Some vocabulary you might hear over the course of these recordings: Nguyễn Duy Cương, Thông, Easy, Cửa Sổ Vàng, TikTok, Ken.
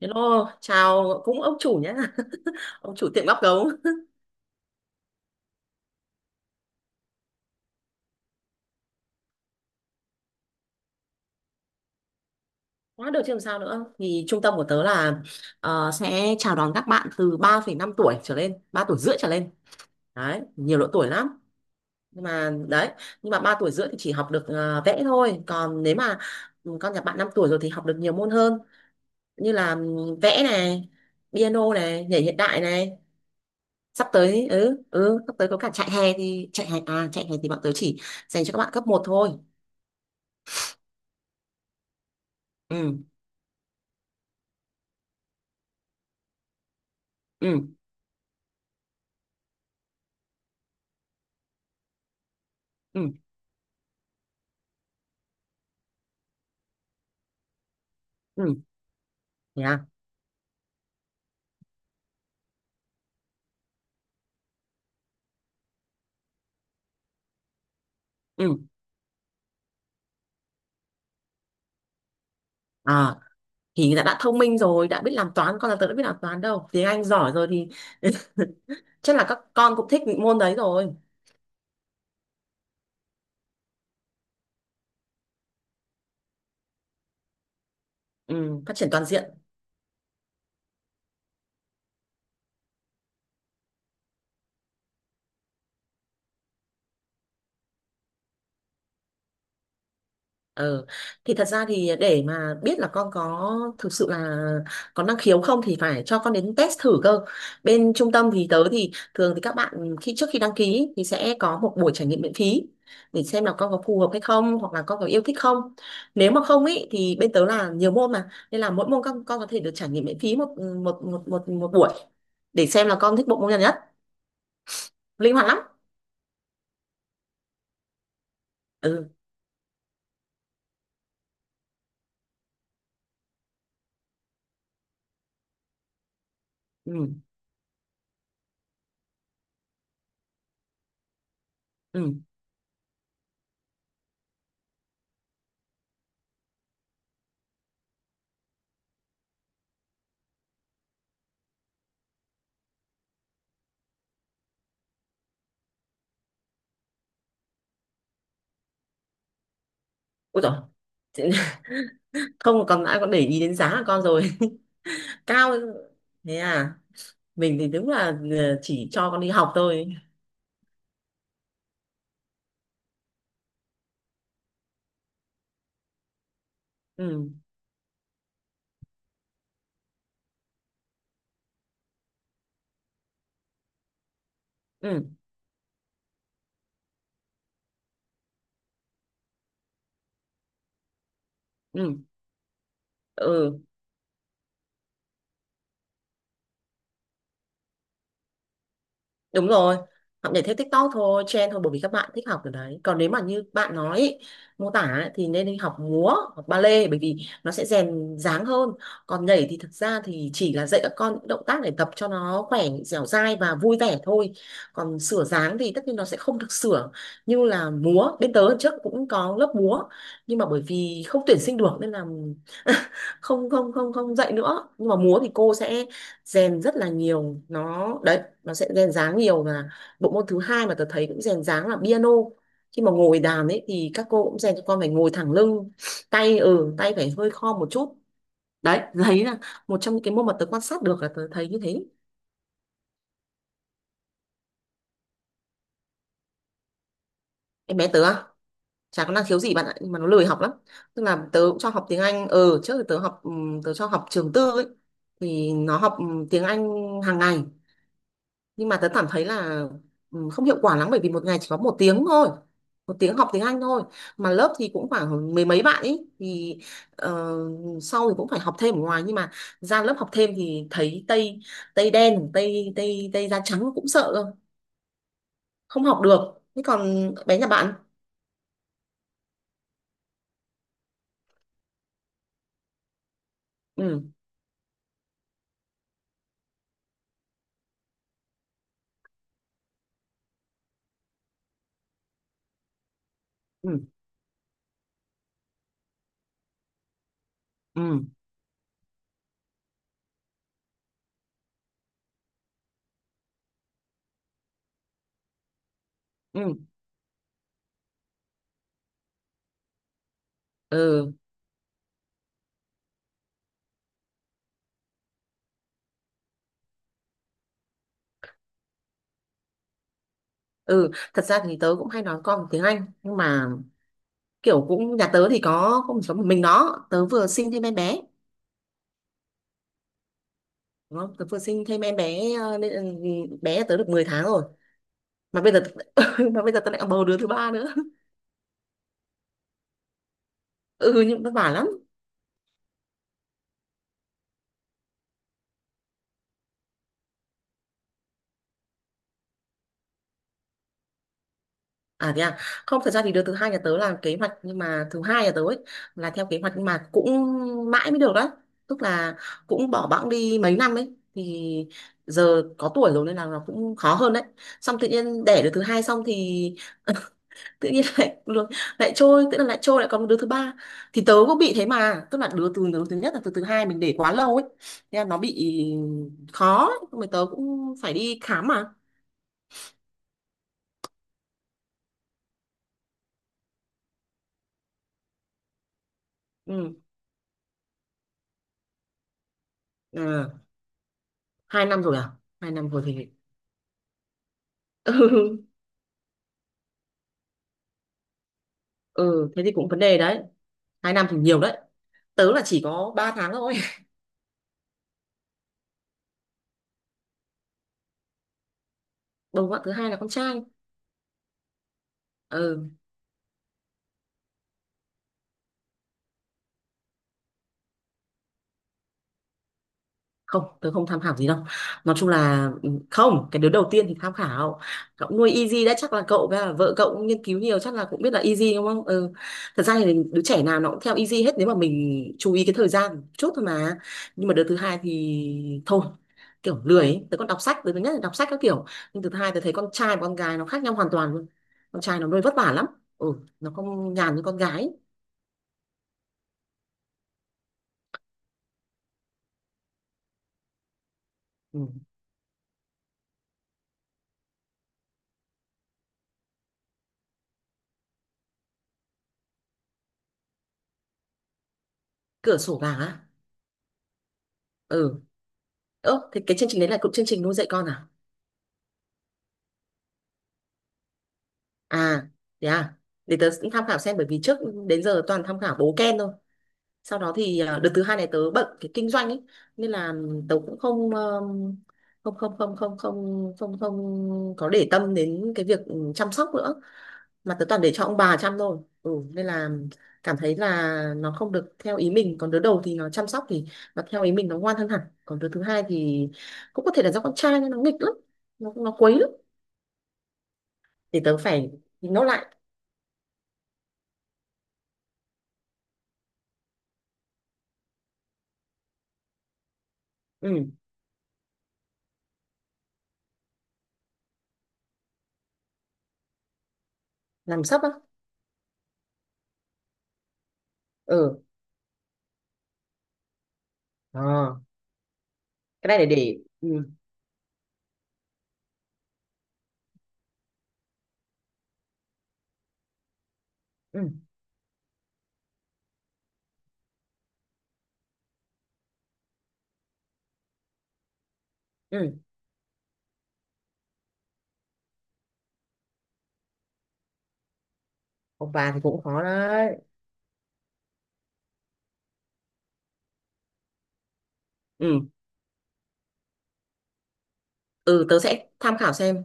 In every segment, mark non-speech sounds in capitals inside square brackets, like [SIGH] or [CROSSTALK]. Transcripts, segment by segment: Hello, chào cũng ông chủ nhé [LAUGHS] ông chủ tiệm bắp gấu quá được chứ làm sao nữa. Thì trung tâm của tớ là sẽ chào đón các bạn từ 3,5 tuổi trở lên, 3 tuổi rưỡi trở lên đấy, nhiều độ tuổi lắm. Nhưng mà đấy, nhưng mà 3 tuổi rưỡi thì chỉ học được vẽ thôi, còn nếu mà con nhà bạn 5 tuổi rồi thì học được nhiều môn hơn, như là vẽ này, piano này, nhảy hiện đại này. Sắp tới sắp tới có cả chạy hè, thì chạy hè à, chạy hè thì bọn tớ chỉ dành cho các bạn cấp 1 thôi. Ừ. Ừ. Ừ. Ừ. Thế à? Ừ. À, thì đã thông minh rồi, đã biết làm toán, con là tớ đã biết làm toán đâu. Tiếng Anh giỏi rồi thì [LAUGHS] chắc là các con cũng thích môn đấy rồi. Ừ, phát triển toàn diện. Ờ, thì thật ra thì để mà biết là con có thực sự là có năng khiếu không thì phải cho con đến test thử cơ. Bên trung tâm thì tớ thì thường thì các bạn khi trước khi đăng ký thì sẽ có một buổi trải nghiệm miễn phí để xem là con có phù hợp hay không hoặc là con có yêu thích không. Nếu mà không ý thì bên tớ là nhiều môn mà nên là mỗi môn con có thể được trải nghiệm miễn phí một một một một, một buổi để xem là con thích bộ môn nào nhất. Linh hoạt lắm. Ừ. Ừ. Ừ. Ôi dồi. [LAUGHS] Không còn ai còn để ý đến giá của con rồi. Cao. Thế à. Mình thì đúng là chỉ cho con đi học thôi. Ừ. Ừ. Ừ. Ừ. Đúng rồi, học nhảy theo TikTok thôi, trend thôi bởi vì các bạn thích học từ đấy. Còn nếu mà như bạn nói ý, mô tả ấy, thì nên đi học múa, hoặc ballet bởi vì nó sẽ rèn dáng hơn. Còn nhảy thì thực ra thì chỉ là dạy các con những động tác để tập cho nó khỏe, dẻo dai và vui vẻ thôi. Còn sửa dáng thì tất nhiên nó sẽ không được sửa như là múa. Bên tớ trước cũng có lớp múa nhưng mà bởi vì không tuyển sinh được nên là [LAUGHS] không không không không dạy nữa. Nhưng mà múa thì cô sẽ rèn rất là nhiều nó đấy, nó sẽ rèn dáng nhiều mà. Bộ môn thứ hai mà tớ thấy cũng rèn dáng là piano, khi mà ngồi đàn ấy thì các cô cũng rèn cho con phải ngồi thẳng lưng, tay tay phải hơi khom một chút. Đấy [LAUGHS] đấy là một trong những cái môn mà tớ quan sát được là tớ thấy như thế. Em bé tớ à, chả có năng khiếu gì bạn ạ, nhưng mà nó lười học lắm. Tức là tớ cũng cho học tiếng Anh ờ trước thì tớ học tớ cho học trường tư ấy, thì nó học tiếng Anh hàng ngày. Nhưng mà tớ cảm thấy là không hiệu quả lắm bởi vì một ngày chỉ có 1 tiếng thôi, 1 tiếng học tiếng Anh thôi mà lớp thì cũng khoảng mười mấy bạn ấy thì ờ, sau thì cũng phải học thêm ở ngoài. Nhưng mà ra lớp học thêm thì thấy tây, tây đen tây tây tây da trắng cũng sợ cơ, không học được. Thế còn bé nhà bạn. Ừ. Ừ. Ừ. Ừ. Ừ. Ừ thật ra thì tớ cũng hay nói con tiếng Anh nhưng mà kiểu cũng nhà tớ thì có không chỉ có một mình nó, tớ vừa sinh thêm em bé. Đó, tớ vừa sinh thêm em bé nên là bé tớ được 10 tháng rồi mà bây giờ [LAUGHS] mà bây giờ tớ lại còn bầu đứa thứ ba nữa. [LAUGHS] Ừ nhưng vất vả lắm. À thế à, không thật ra thì đứa thứ hai nhà tớ là kế hoạch, nhưng mà thứ hai nhà tớ ấy là theo kế hoạch nhưng mà cũng mãi mới được đấy. Tức là cũng bỏ bẵng đi mấy năm ấy thì giờ có tuổi rồi nên là nó cũng khó hơn đấy. Xong tự nhiên đẻ đứa thứ hai xong thì tự nhiên [LAUGHS] lại trôi, tức là lại trôi lại còn một đứa thứ ba. Thì tớ cũng bị thế mà, tức là đứa từ đứa thứ nhất là từ thứ hai mình để quá lâu ấy, thế là nó bị khó ấy. Mà tớ cũng phải đi khám mà. Ừ. À, 2 năm rồi à, hai năm rồi thì [LAUGHS] ừ. Ừ thế thì cũng vấn đề đấy, 2 năm thì nhiều đấy, tớ là chỉ có 3 tháng thôi. [LAUGHS] Bầu bạn thứ hai là con trai. Ừ không, tớ không tham khảo gì đâu. Nói chung là không, cái đứa đầu tiên thì tham khảo, cậu nuôi Easy đã, chắc là cậu với cả vợ cậu cũng nghiên cứu nhiều chắc là cũng biết là Easy đúng không. Ừ. Thật ra thì đứa trẻ nào nó cũng theo Easy hết nếu mà mình chú ý cái thời gian một chút thôi mà. Nhưng mà đứa thứ hai thì thôi, kiểu lười ấy. Tớ còn đọc sách, đứa thứ nhất là đọc sách các kiểu, nhưng thứ hai tớ thấy con trai và con gái nó khác nhau hoàn toàn luôn. Con trai nó nuôi vất vả lắm. Ừ, nó không nhàn như con gái. Ừ. Cửa sổ vàng á. Ừ. Ơ thế cái chương trình đấy là cũng chương trình nuôi dạy con à. À, thế à. Để tớ cũng tham khảo xem bởi vì trước đến giờ toàn tham khảo bố Ken thôi. Sau đó thì à, đợt thứ hai này tớ bận cái kinh doanh ấy nên là tớ cũng không không có để tâm đến cái việc chăm sóc nữa, mà tớ toàn để cho ông bà chăm thôi. Ừ, nên là cảm thấy là nó không được theo ý mình. Còn đứa đầu thì nó chăm sóc thì nó theo ý mình nó ngoan hơn hẳn, còn đứa thứ hai thì cũng có thể là do con trai nên nó nghịch lắm, nó quấy lắm. Thì tớ phải nó lại. Ừ làm sắp á. Ừ ờ, cái này để ừ. Ừ. Ừ ông bà thì cũng khó đấy. Ừ. Ừ tớ sẽ tham khảo xem.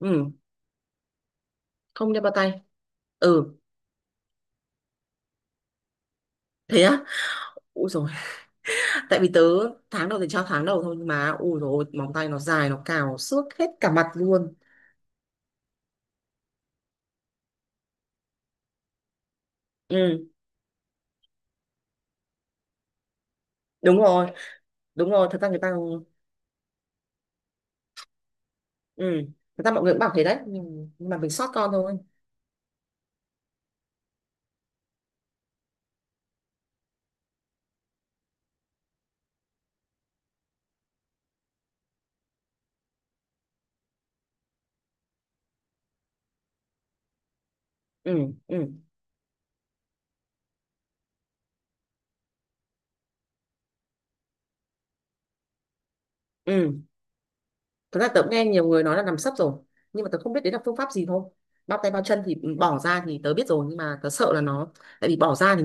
Ừ không đem bao tay. Ừ thế á, ui rồi. [LAUGHS] Tại vì tớ tháng đầu thì cho tháng đầu thôi, nhưng mà ui rồi, móng tay nó dài nó cào xước hết cả mặt luôn. Ừ đúng rồi, đúng rồi thật ra người ta. Ừ thật ra mọi người cũng bảo thế đấy nhưng mà mình sót con thôi. Ừ. Ừ. Ừ thật ra tớ cũng nghe nhiều người nói là nằm sấp rồi, nhưng mà tớ không biết đấy là phương pháp gì thôi. Bao tay bao chân thì bỏ ra thì tớ biết rồi nhưng mà tớ sợ là nó, tại vì bỏ ra thì,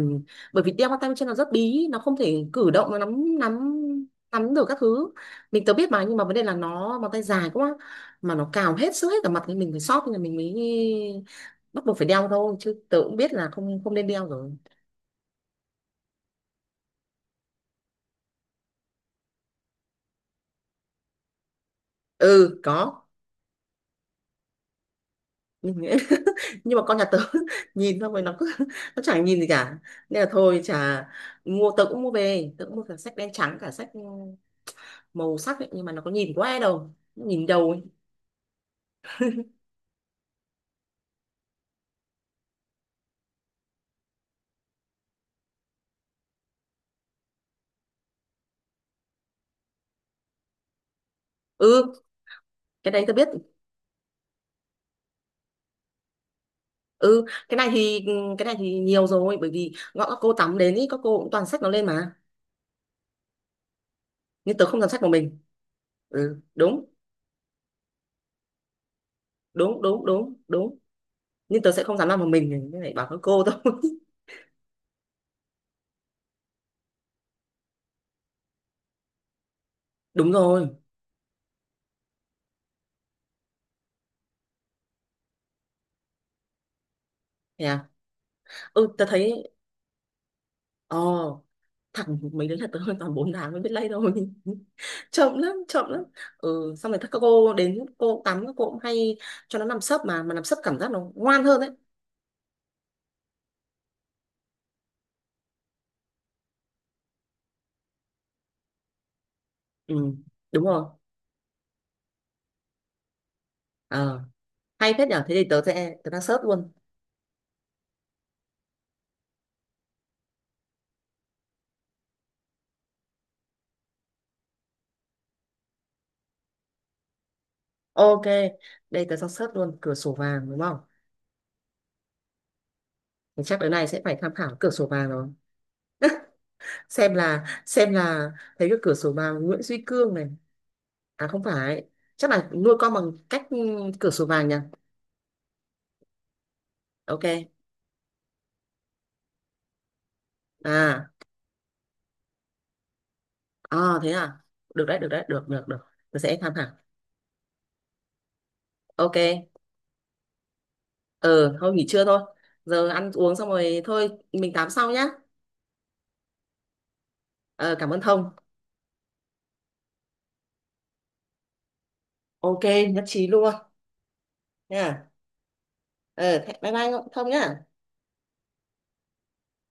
bởi vì đeo bao tay bao chân nó rất bí, nó không thể cử động, nó nắm nắm nắm được các thứ. Mình tớ biết mà nhưng mà vấn đề là nó bàn tay dài quá, mà nó cào hết sức hết cả mặt thì mình phải xót thì mình mới bắt buộc phải đeo thôi, chứ tớ cũng biết là không không nên đeo rồi. Ừ có, nhưng [LAUGHS] nhưng mà con nhà tớ [LAUGHS] nhìn xong rồi nó cứ [LAUGHS] nó chẳng nhìn gì cả, nên là thôi chả. Mua tớ cũng mua về, tớ cũng mua cả sách đen trắng cả sách màu sắc ấy, nhưng mà nó có nhìn quá đâu, nó nhìn đầu ấy. Ừ cái đấy tớ biết. Ừ cái này thì cái này thì nhiều rồi bởi vì gọi các cô tắm đến ý các cô cũng toàn xách nó lên mà. Nhưng tớ không dám xách một mình. Ừ đúng, đúng, đúng, đúng, đúng. Nhưng tớ sẽ không dám làm một mình như này, bảo các cô thôi. [LAUGHS] Đúng rồi. Yeah. Ừ tớ thấy. Ờ thẳng mấy đứa là tớ hơn toàn 4 tháng mới biết lay thôi. [LAUGHS] Chậm lắm, chậm lắm. Ừ xong rồi các cô đến cô tắm các cô cũng hay cho nó nằm sấp mà nằm sấp cảm giác nó ngoan hơn đấy. Ừ đúng rồi. Ờ hay phết nhở, thế thì tớ sẽ tớ đang search luôn. Ok, đây tớ đang search luôn cửa sổ vàng đúng không. Thì chắc đứa này sẽ phải tham khảo cửa sổ vàng rồi, xem là xem là, thấy cái cửa sổ vàng Nguyễn Duy Cương này. À không phải, chắc là nuôi con bằng cách cửa sổ vàng nhỉ. Ok. À. À thế à? Được đấy, được đấy, được, được, được. Tôi sẽ tham khảo. Ok. Ờ thôi nghỉ trưa thôi. Giờ ăn uống xong rồi thôi, mình tám sau nhá. Ờ, cảm ơn Thông. Ok, nhất trí luôn. Nha. Ờ, thế- bye bye Thông nhá.